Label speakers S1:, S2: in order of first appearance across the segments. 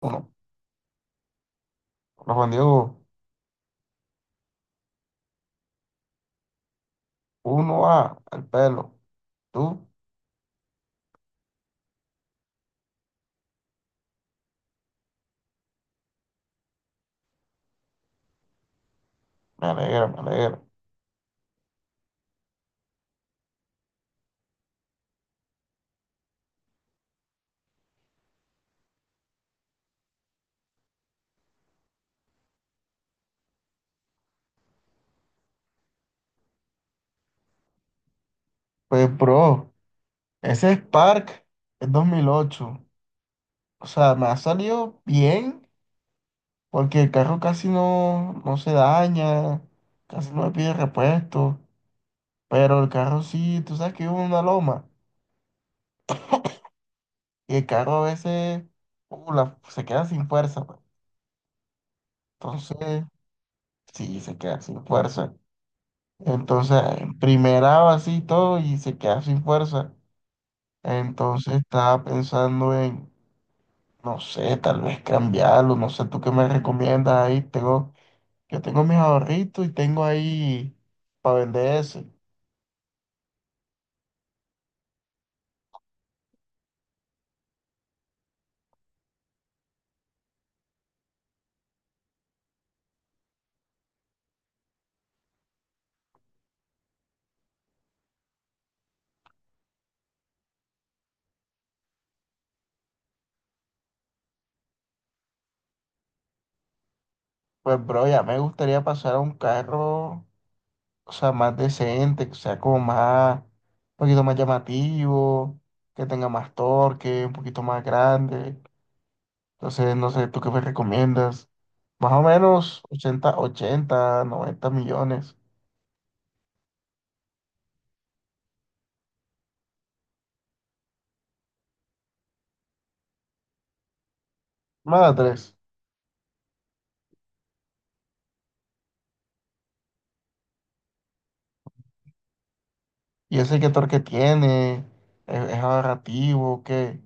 S1: Uno, Juan Diego, uno A al pelo. Tú, me alegra, me alegra. Pues, bro, ese Spark es 2008. O sea, me ha salido bien porque el carro casi no, no se daña, casi no me pide repuesto. Pero el carro sí, tú sabes que vivo en una loma y el carro a veces se queda sin fuerza, pues. Entonces, sí, se queda sin fuerza. Entonces, en primera así y todo y se queda sin fuerza. Entonces estaba pensando en, no sé, tal vez cambiarlo, no sé, tú qué me recomiendas ahí. Yo tengo mis ahorritos y tengo ahí para vender ese. Pues, bro, ya me gustaría pasar a un carro, o sea, más decente, que sea como más, un poquito más llamativo, que tenga más torque, un poquito más grande. Entonces, no sé, tú qué me recomiendas. Más o menos 80 80 90 millones. Madres. Y el sector que tiene es ahorrativo, que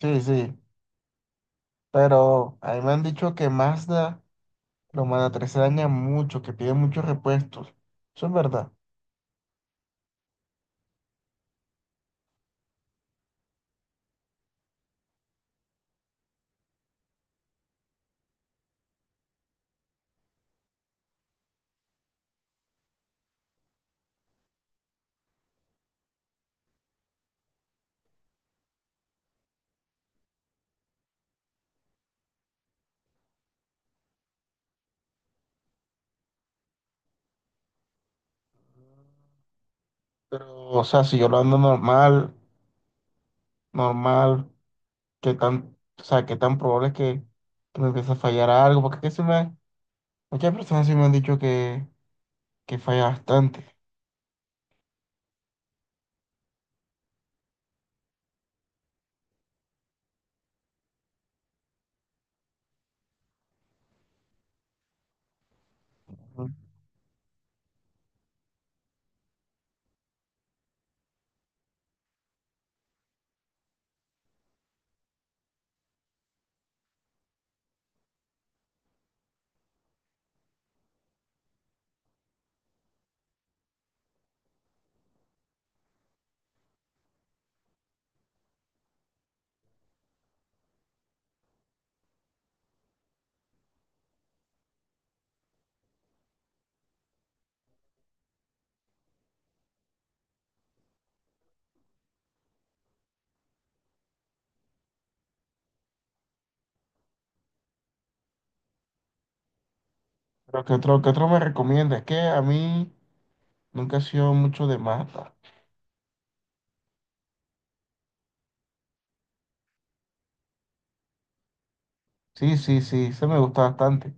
S1: sí, sí. Pero a mí me han dicho que Mazda, los Mazda 3 se dañan mucho, que piden muchos repuestos. Eso es verdad. Pero, o sea, si yo lo ando normal, normal, qué tan, o sea, qué tan probable es que me empiece a fallar algo, porque que se me, muchas personas sí me han dicho que falla bastante. Ujú. Pero qué otro me recomienda? Es que a mí nunca he sido mucho de Mazda. Sí, sí, sí, se me gusta bastante.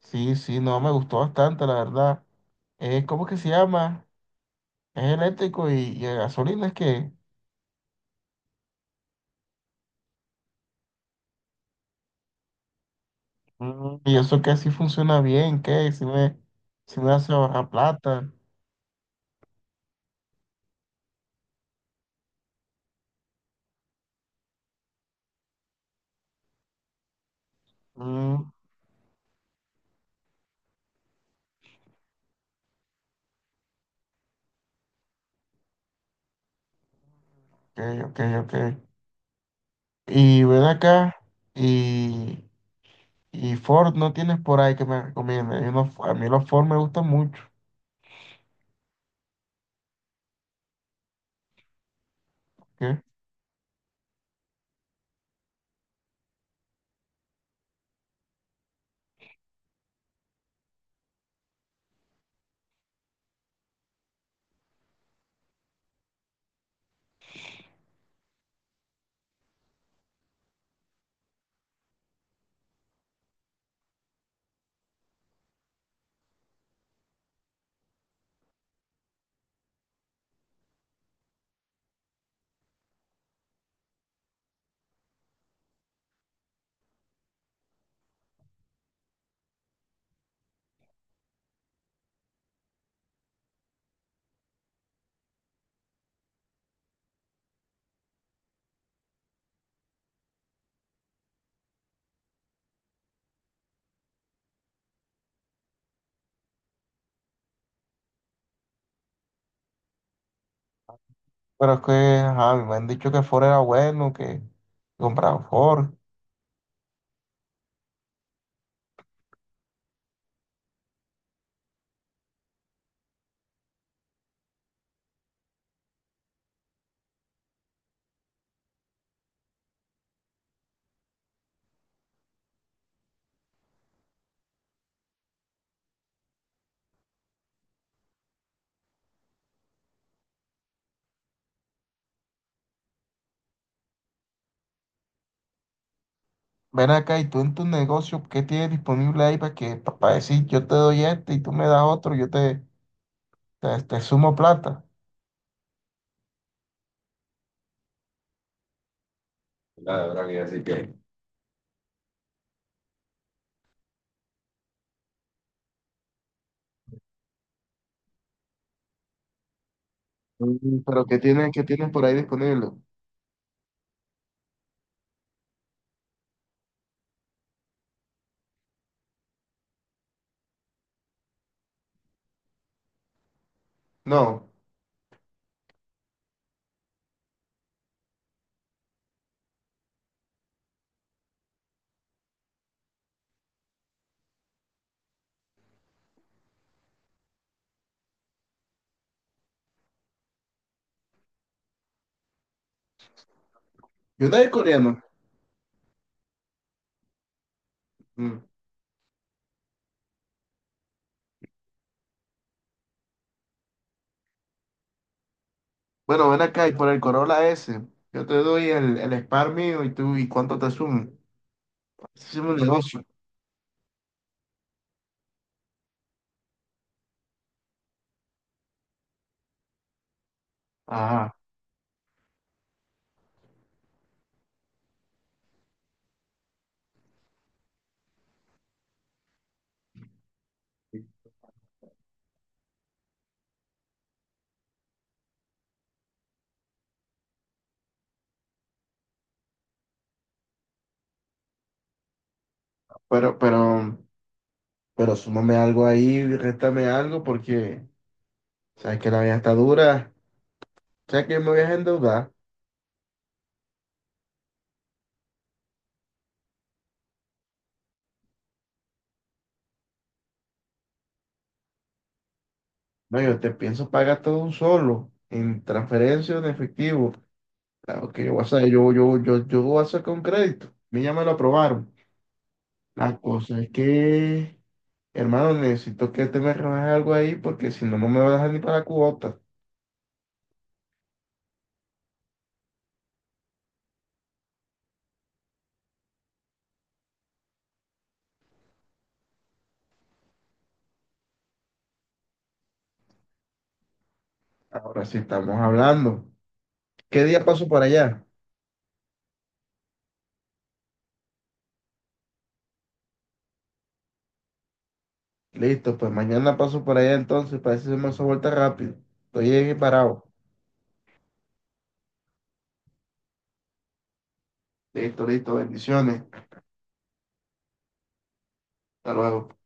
S1: Sí, sí, no, me gustó bastante, la verdad. ¿Cómo que se llama? Es eléctrico y a gasolina, es que... Mm, y eso que así funciona bien, que si me, si me hace ahorrar plata. Mm. Ok, ok, ok. Y ven acá, y, y Ford no tienes por ahí que me recomiende. Hay unos, a mí los Ford me gustan mucho. ¿Qué? Pero es que, ajá, me han dicho que Ford era bueno, que compraron Ford. Ven acá, y tú en tu negocio, ¿qué tienes disponible ahí para que, para decir yo te doy este y tú me das otro, yo te sumo plata? La verdad que así que... Mm, pero ¿qué tienes por ahí disponible? No, yo de coreano. Mm. Bueno, ven acá y por el Corolla S, yo te doy el Spark mío y tú, ¿y cuánto te sumo? Es un negocio. Ajá, pero, pero, pero súmame algo ahí, réstame algo porque sabes que la vida está dura, sabes que me voy a endeudar. No, yo te pienso pagar todo un solo, en transferencia o en efectivo. Claro que yo voy a hacer, yo voy a sacar un crédito. A mí ya me lo aprobaron. La cosa es que, hermano, necesito que te me rebajes algo ahí porque si no, no me vas a dejar ni para la cuota. Ahora sí estamos hablando. ¿Qué día paso para allá? Listo, pues mañana paso para allá entonces, para eso se me hace vuelta rápido. Estoy ahí parado. Listo, listo, bendiciones. Hasta luego.